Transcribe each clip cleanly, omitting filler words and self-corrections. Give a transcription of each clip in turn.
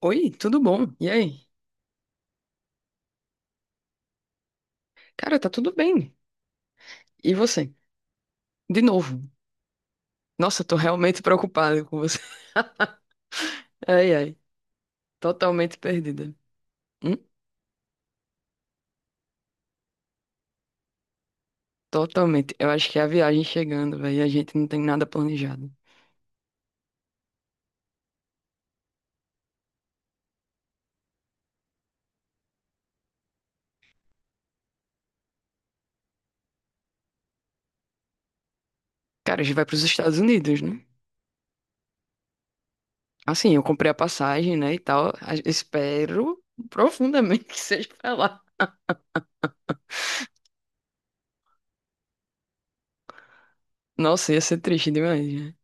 Oi, tudo bom? E aí? Cara, tá tudo bem. E você? De novo. Nossa, eu tô realmente preocupada com você. Ai, ai. Totalmente perdida. Hum? Totalmente. Eu acho que é a viagem chegando, velho, a gente não tem nada planejado. Cara, a gente vai pros Estados Unidos, né? Assim, eu comprei a passagem, né, e tal. Espero profundamente que seja pra lá. Nossa, ia ser triste demais, né?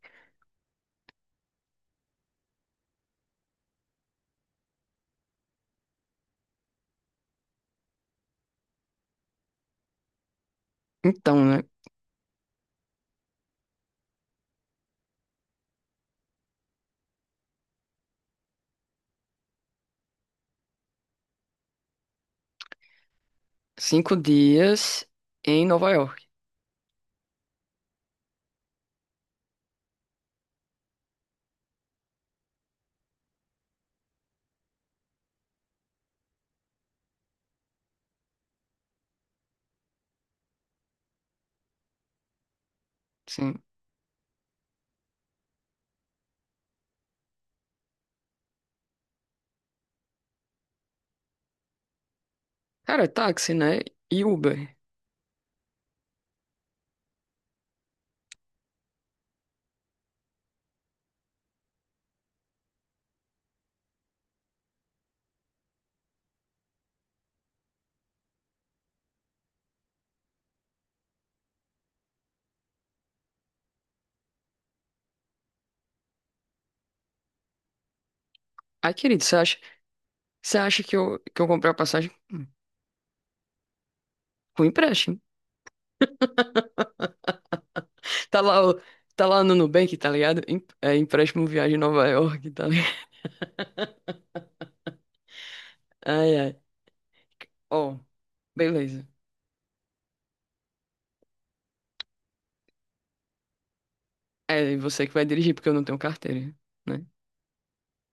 Então, né? 5 dias em Nova York. Sim. Cara, táxi, né? E Uber. Ai, querido, você acha. Você acha que eu comprei a passagem com empréstimo? Tá lá, tá lá no Nubank, tá ligado? É empréstimo viagem a Nova York, tá ligado? Ai, ai. Ó, beleza. É você que vai dirigir, porque eu não tenho carteira, né?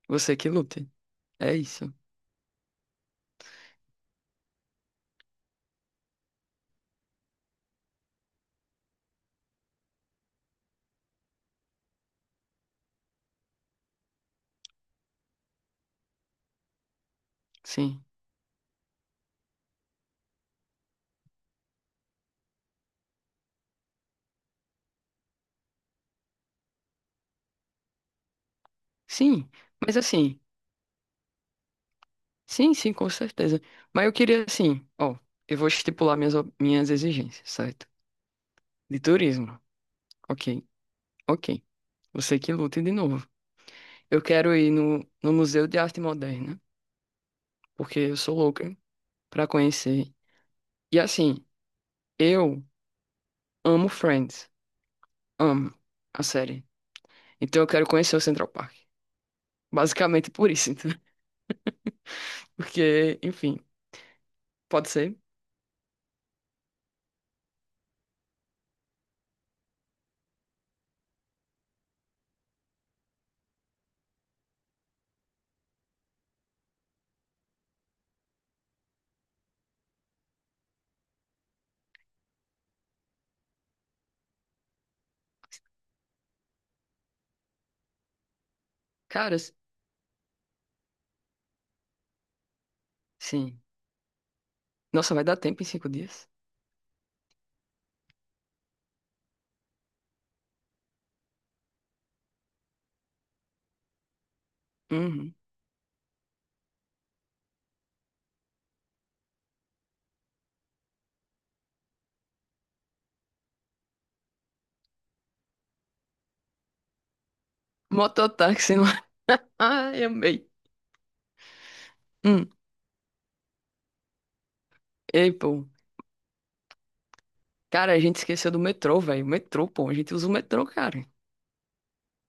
Você que lute. É isso. Sim. Sim, mas assim, sim, sim, com certeza. Mas eu queria, assim, ó, eu vou estipular minhas exigências, certo? De turismo. Ok, ok. Você que lute de novo. Eu quero ir no Museu de Arte Moderna, porque eu sou louca pra conhecer. E assim, eu amo Friends, amo a série. Então eu quero conhecer o Central Park. Basicamente por isso, então. Porque, enfim, pode ser. Cara, sim. Nossa, vai dar tempo em 5 dias? Uhum. Mototáxi lá. Ai, amei. Hum. Ei, pô. Cara, a gente esqueceu do metrô, velho. O metrô, pô. A gente usa o metrô, cara.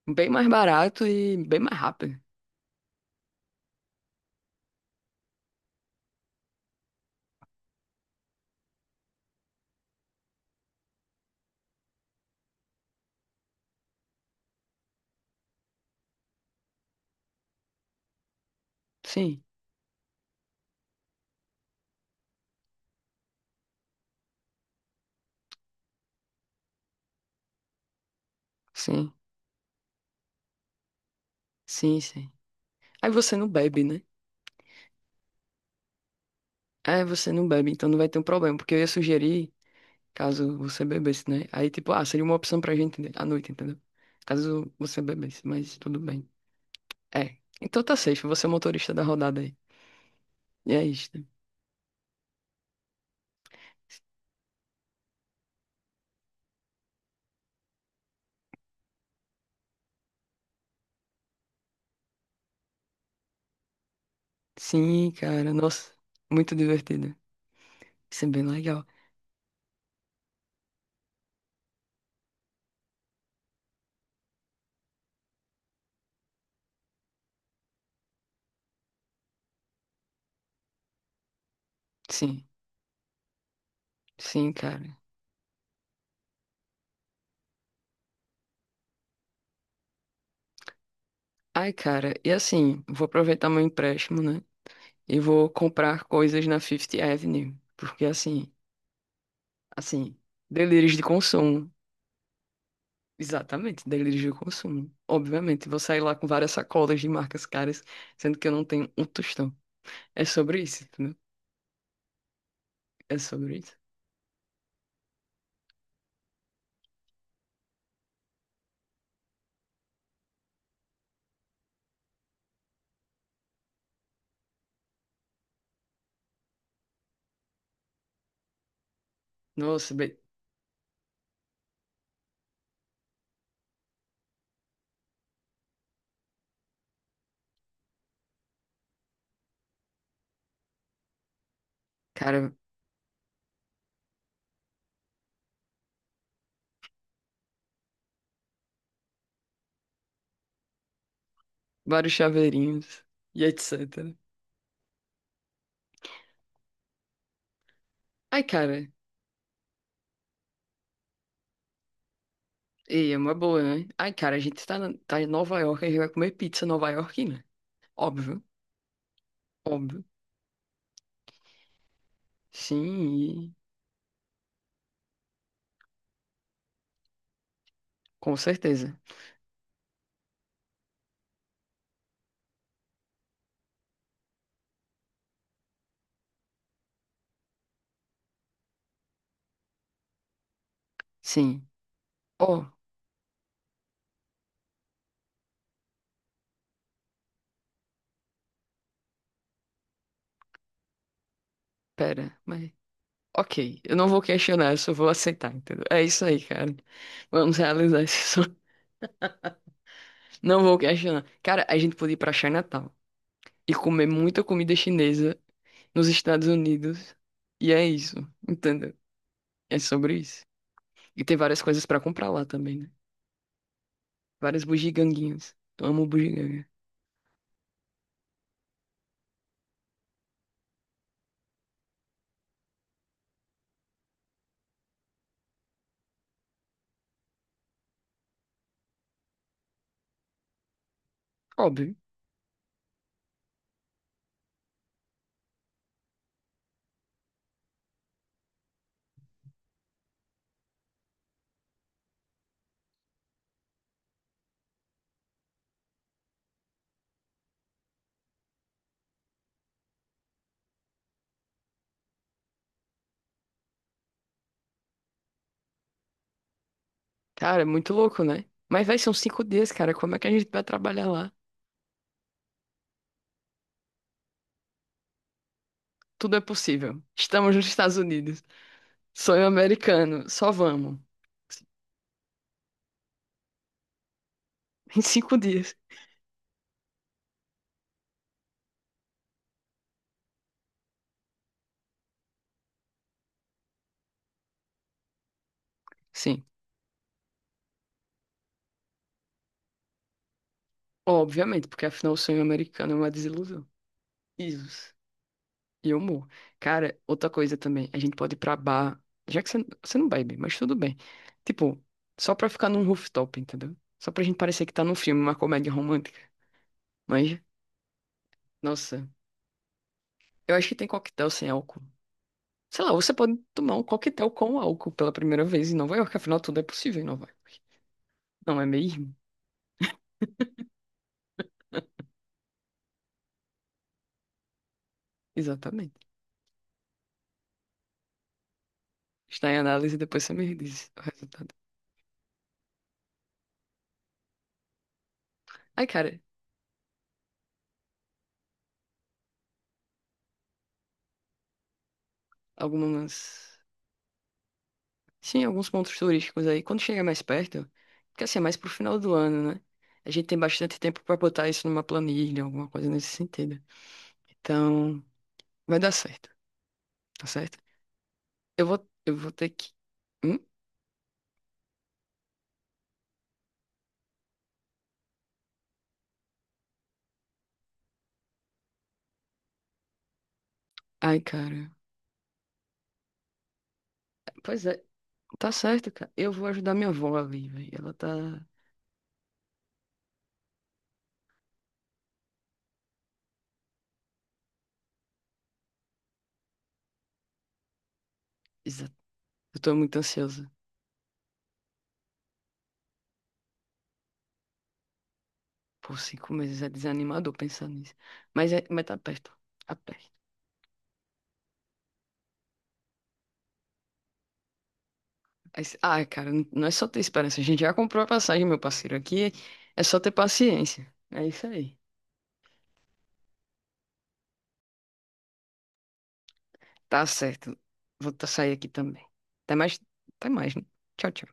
Bem mais barato e bem mais rápido. Sim, sim, sim, sim. Aí você não bebe, né? É, você não bebe, então não vai ter um problema, porque eu ia sugerir, caso você bebesse, né? Aí, tipo, ah, seria uma opção pra gente, né, à noite, entendeu? Caso você bebesse, mas tudo bem. É. Então tá safe, você é o motorista da rodada aí. E é isso, né? Sim, cara, nossa, muito divertido. Isso é bem legal. Sim, sim, cara. Ai, cara, e assim, vou aproveitar meu empréstimo, né? E vou comprar coisas na Fifth Avenue, porque assim, delírios de consumo. Exatamente, delírio de consumo. Obviamente, vou sair lá com várias sacolas de marcas caras, sendo que eu não tenho um tostão. É sobre isso, entendeu? É sobre isso. Nossa, bem, cara, vários chaveirinhos e etc. Ai, cara, e é uma boa, né? Ai, cara, a gente tá, tá em Nova York, a gente vai comer pizza nova iorquina. Óbvio, óbvio. Sim, e… com certeza. Sim. Oh, pera, mas. Ok, eu não vou questionar, eu só vou aceitar, entendeu? É isso aí, cara. Vamos realizar esse sonho. Não vou questionar. Cara, a gente podia ir pra Chinatown e comer muita comida chinesa nos Estados Unidos. E é isso, entendeu? É sobre isso. E tem várias coisas pra comprar lá também, né? Várias bugiganguinhas. Eu amo bugiganga. Óbvio. Cara, é muito louco, né? Mas vai, são 5 dias, cara. Como é que a gente vai trabalhar lá? Tudo é possível. Estamos nos Estados Unidos. Sonho americano. Só vamos. Em 5 dias. Sim. Obviamente, porque afinal o sonho americano é uma desilusão. Isso. E o humor. Cara, outra coisa também, a gente pode ir pra bar, já que você não bebe, mas tudo bem. Tipo, só pra ficar num rooftop, entendeu? Só pra gente parecer que tá num filme, uma comédia romântica. Mas, nossa, eu acho que tem coquetel sem álcool. Sei lá, você pode tomar um coquetel com álcool pela primeira vez em Nova York, afinal tudo é possível em Nova York. Não é mesmo? Exatamente. Está em análise e depois você me diz o resultado. Ai, cara, algumas. Sim, alguns pontos turísticos aí. Quando chega mais perto, porque assim, é mais pro final do ano, né? A gente tem bastante tempo pra botar isso numa planilha, alguma coisa nesse sentido. Então, vai dar certo, tá certo? Eu vou ter que. Hum? Ai, cara. Pois é, tá certo, cara. Eu vou ajudar minha avó ali, velho. Ela tá. Exa- Eu tô muito ansiosa. Por 5 meses é desanimador pensar nisso. Mas, é, mas tá perto. Tá perto. Ah, cara, não é só ter esperança. A gente já comprou a passagem, meu parceiro. Aqui é só ter paciência. É isso aí. Tá certo. Vou sair aqui também. Até mais. Até mais, né? Tchau, tchau.